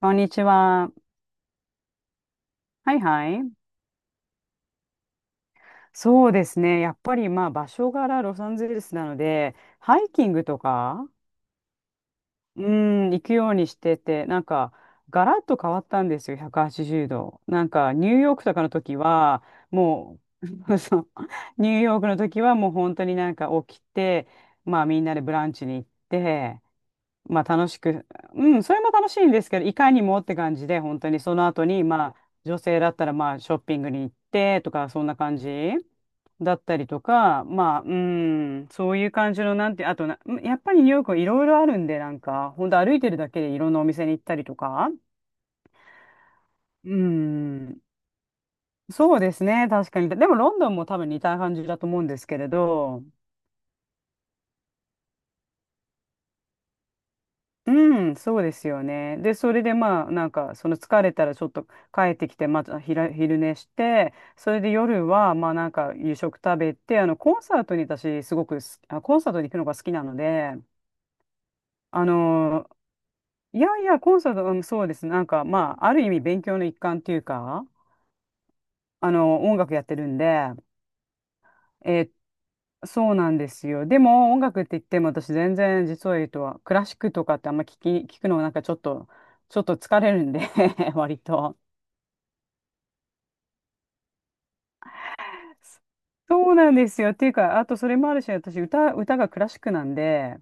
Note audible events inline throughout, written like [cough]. こんにちは。はいはい。そうですね。やっぱりまあ場所柄ロサンゼルスなので、ハイキングとか、うん、行くようにしてて、なんか、ガラッと変わったんですよ、180度。なんか、ニューヨークとかの時は、もう、[laughs] そう、ニューヨークの時はもう本当になんか起きて、まあみんなでブランチに行って、まあ楽しく、うん、それも楽しいんですけど、いかにもって感じで、本当にその後に、まあ、女性だったら、まあ、ショッピングに行ってとか、そんな感じだったりとか、まあ、うん、そういう感じの、なんて、あとな、やっぱりニューヨークはいろいろあるんで、なんか、本当歩いてるだけでいろんなお店に行ったりとか、うん、そうですね、確かに。でも、ロンドンも多分似た感じだと思うんですけれど、うん、そうですよね。で、それでまあ、なんか、その疲れたらちょっと帰ってきて、また昼寝して、それで夜は、まあなんか、夕食食べて、あの、コンサートに私、すごくす、あ、コンサートに行くのが好きなので、あの、いやいや、コンサート、うん、そうです。なんか、まあ、ある意味勉強の一環っていうか、あの、音楽やってるんで、えーそうなんですよ。でも音楽って言っても私全然実を言うとはクラシックとかってあんま聞くのはなんかちょっと、ちょっと疲れるんで [laughs] 割と。そうなんですよ。っていうか、あとそれもあるし、歌がクラシックなんで、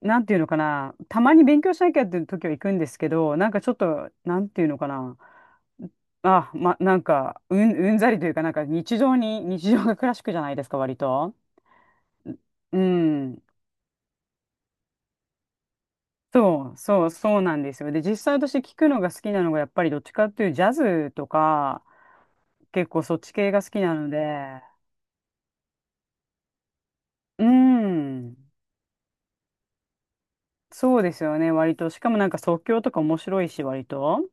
なんていうのかな、たまに勉強しなきゃっていう時は行くんですけど、なんかちょっと、なんていうのかな、あ、ま、なんか、うん、うんざりというか、なんか日常がクラシックじゃないですか、割と。うん。そう、そう、そうなんですよ。で、実際私聞くのが好きなのが、やっぱりどっちかっていうジャズとか、結構そっち系が好きなので、うん、そうですよね、割と。しかもなんか即興とか面白いし、割と。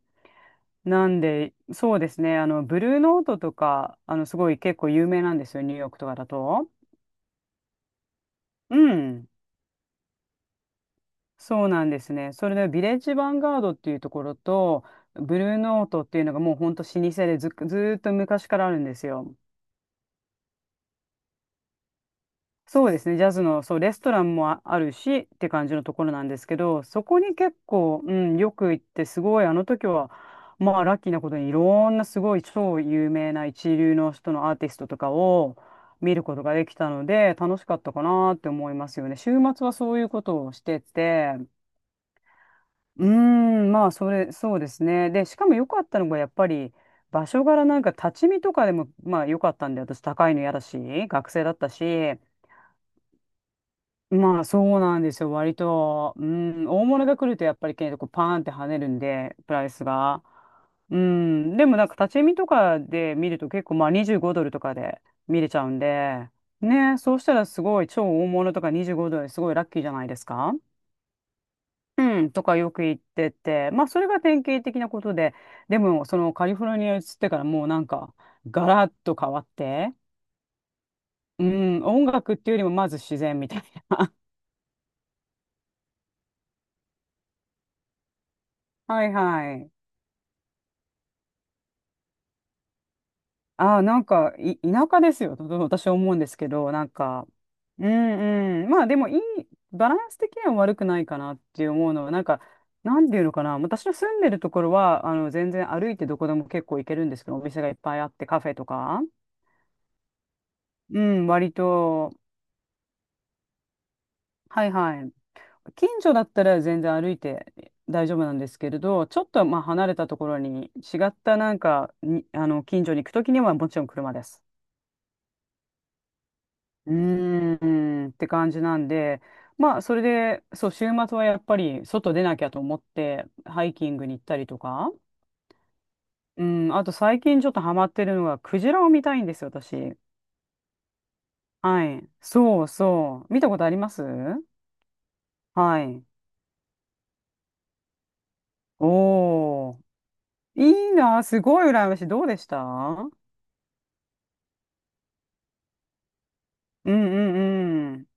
なんで、そうですね、あの、ブルーノートとか、あの、すごい結構有名なんですよ、ニューヨークとかだと。うん、そうなんですね。それで、ビレッジヴァンガードっていうところと、ブルーノートっていうのがもうほんと老舗でずーっと昔からあるんですよ。そうですね、ジャズの、そう、レストランもああるしって感じのところなんですけど、そこに結構、うん、よく行って、すごい、あの時は、まあ、ラッキーなことに、いろんなすごい超有名な一流の人のアーティストとかを見ることができたので、楽しかったかなって思いますよね。週末はそういうことをしてて、うーん、まあ、それ、そうですね。で、しかも良かったのが、やっぱり、場所柄なんか立ち見とかでも、まあ、良かったんで、私、高いの嫌だし、学生だったし、まあそうなんですよ。割と、うん、大物が来るとやっぱり結構パーンって跳ねるんで、プライスが。うん、でもなんか立ち見とかで見ると結構まあ25ドルとかで見れちゃうんで、ね、そうしたらすごい超大物とか25ドルすごいラッキーじゃないですか。うん、とかよく言ってて、まあそれが典型的なことで、でもそのカリフォルニアに移ってからもうなんかガラッと変わって、うん、音楽っていうよりもまず自然みたいな。[laughs] はいはい。ああ、なんか、田舎ですよ、と私は思うんですけど、なんか、うんうん。まあでもいい、バランス的には悪くないかなって思うのは、なんか、なんていうのかな、私の住んでるところは、あの、全然歩いてどこでも結構行けるんですけど、お店がいっぱいあって、カフェとか。うん、割と、はいはい。近所だったら全然歩いて大丈夫なんですけれど、ちょっとまあ離れたところに違ったなんかに、あの、近所に行くときにはもちろん車です。うーんって感じなんで、まあ、それで、そう、週末はやっぱり外出なきゃと思って、ハイキングに行ったりとか、うん、あと最近ちょっとハマってるのが、クジラを見たいんですよ、私。はい。そうそう。見たことあります。はい。おー。いいな、すごい羨ましい。どうでした？うんうんうん。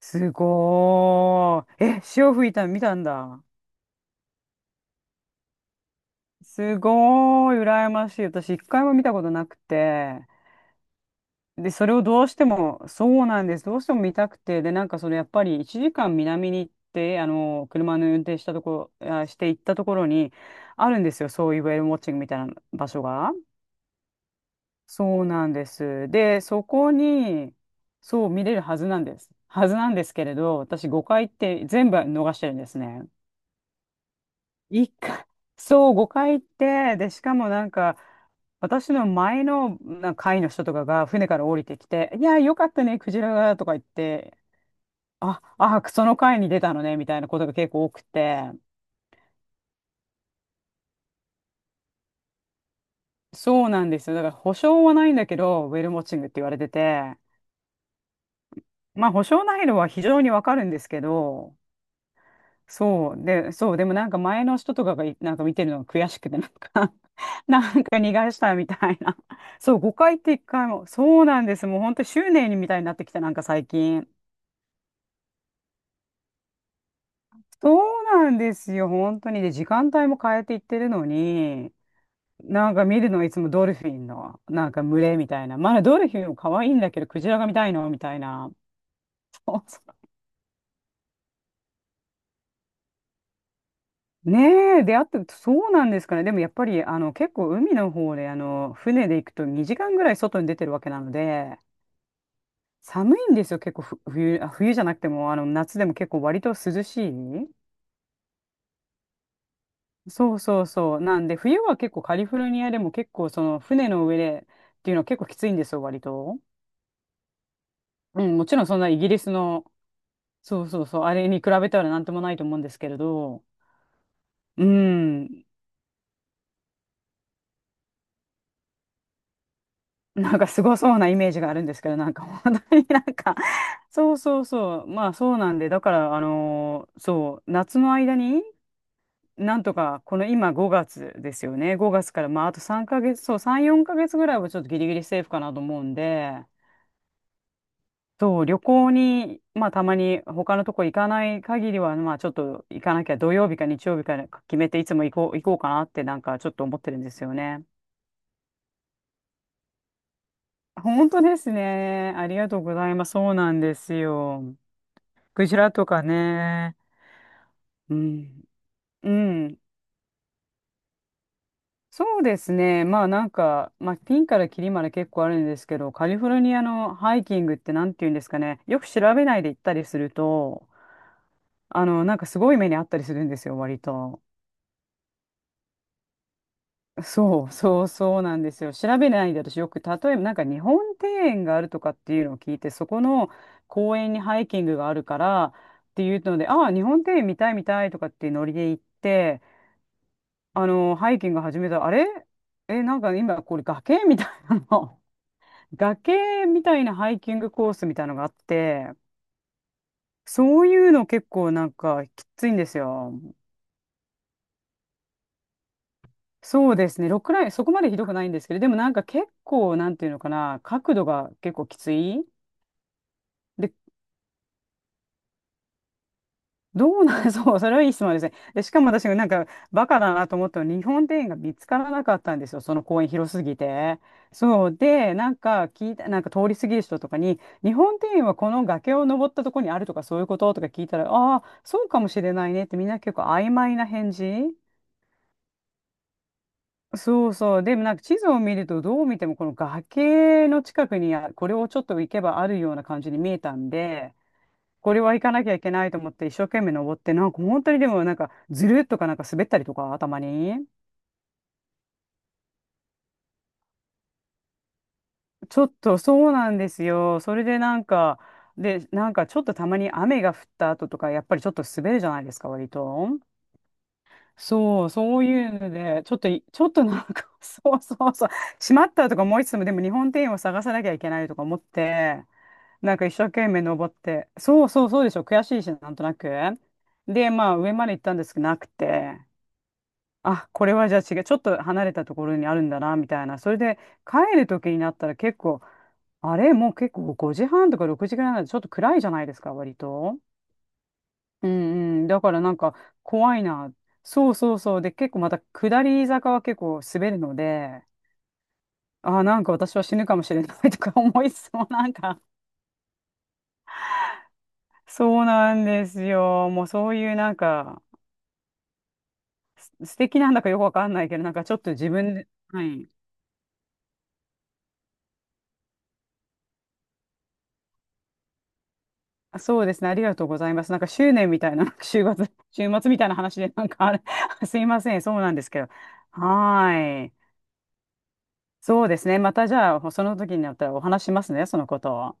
すごーい。え、潮吹いたの見たんだ。すごーい、羨ましい。私、一回も見たことなくて。で、それをどうしても、そうなんです。どうしても見たくて、で、なんかそのやっぱり1時間南に行って、あの、車の運転したところ、あ、して行ったところに、あるんですよ。そういうウェルウォッチングみたいな場所が。そうなんです。で、そこに、そう見れるはずなんです。はずなんですけれど、私5回行って全部逃してるんですね。一回、そう、5回行って、で、しかもなんか、私の前のなんか会の人とかが船から降りてきて、いや、よかったね、クジラが、とか言って、あ、その会に出たのね、みたいなことが結構多くて、そうなんですよ。だから保証はないんだけど、ウェルモッチングって言われてて、まあ保証ないのは非常にわかるんですけど、そう。で、そう。でもなんか前の人とかがいなんか見てるのが悔しくて、なんか [laughs] なんか逃がしたみたいな。そう、5回って1回も。そうなんです。もう本当執念にみたいになってきた、なんか最近。そうなんですよ。本当に。で、時間帯も変えていってるのに、なんか見るのはいつもドルフィンの、なんか群れみたいな。まだドルフィンも可愛いんだけど、クジラが見たいのみたいな。[laughs] ねえ、出会って、そうなんですかね。でもやっぱり、あの、結構海の方で、あの、船で行くと2時間ぐらい外に出てるわけなので、寒いんですよ、結構ふ冬、あ冬じゃなくても、あの、夏でも結構割と涼しい。そうそうそう。なんで、冬は結構カリフォルニアでも結構その船の上でっていうのは結構きついんですよ、割と。うん、もちろんそんなイギリスの、そうそうそう、あれに比べたらなんともないと思うんですけれど、うん。なんかすごそうなイメージがあるんですけど、なんか本当に[laughs] そうそうそう、まあそうなんで、だから、夏の間に、なんとか、この今5月ですよね。5月から、まああと3ヶ月、そう、3、4ヶ月ぐらいはちょっとギリギリセーフかなと思うんで、そう、旅行に、まあたまに他のとこ行かない限りは、まあちょっと行かなきゃ。土曜日か日曜日か決めて、いつも行こうかなってなんかちょっと思ってるんですよね。本当ですね。ありがとうございます。そうなんですよ。クジラとかね。うん。うん。そうですね。まあピンからキリまで結構あるんですけど、カリフォルニアのハイキングってなんて言うんですかね。よく調べないで行ったりすると、なんかすごい目にあったりするんですよ、割と。そうそうそうなんですよ。調べないで私よく、例えばなんか日本庭園があるとかっていうのを聞いて、そこの公園にハイキングがあるからっていうので、ああ、日本庭園見たいとかっていうノリで行って、ハイキング始めた、あれえ、なんか今これ崖みたいなの。[laughs] 崖みたいなハイキングコースみたいなのがあって、そういうの結構なんかきついんですよ。そうですね。ロックライン、そこまでひどくないんですけど、でもなんか結構、なんていうのかな、角度が結構きつい。で、どうなん、[laughs] そう、[laughs] それはいい質問ですね。で、しかも私がなんかバカだなと思ったのは日本庭園が見つからなかったんですよ。その公園広すぎて。そう。で、なんか聞いた、なんか通り過ぎる人とかに、日本庭園はこの崖を登ったところにあるとかそういうこととか聞いたら、ああ、そうかもしれないねってみんな結構曖昧な返事。そうそう。でもなんか地図を見るとどう見てもこの崖の近くにこれをちょっと行けばあるような感じに見えたんで、これは行かなきゃいけないと思って一生懸命登って、なんか本当にでもなんかずるっとかなんか滑ったりとか、たまに。ちょっとそうなんですよ。それでなんか、で、なんかちょっとたまに雨が降った後とか、やっぱりちょっと滑るじゃないですか、割と。そう、そういうので、ちょっとなんか [laughs] そうそうそう、しまったとか思いつつも、でも日本庭園を探さなきゃいけないとか思って、なんか一生懸命登って、そうそうそうでしょ、悔しいし、なんとなく。で、まあ上まで行ったんですけど、なくて。あ、これはじゃあ違う、ちょっと離れたところにあるんだな、みたいな。それで帰る時になったら結構、あれ、もう結構5時半とか6時ぐらいなんでちょっと暗いじゃないですか、割と。うんうん。だからなんか怖いな。そうそうそう。で、結構また下り坂は結構滑るので、あー、なんか私は死ぬかもしれない [laughs] とか思いそう。なんか、そうなんですよ。もうそういうなんか、素敵なんだかよくわかんないけど、なんかちょっと自分で、はい。あ、そうですね。ありがとうございます。なんか執念みたいな、[laughs] [laughs] 週末みたいな話で、なんかあれ、[laughs] すいません。そうなんですけど。はーい。そうですね。またじゃあ、その時になったらお話しますね、そのことを。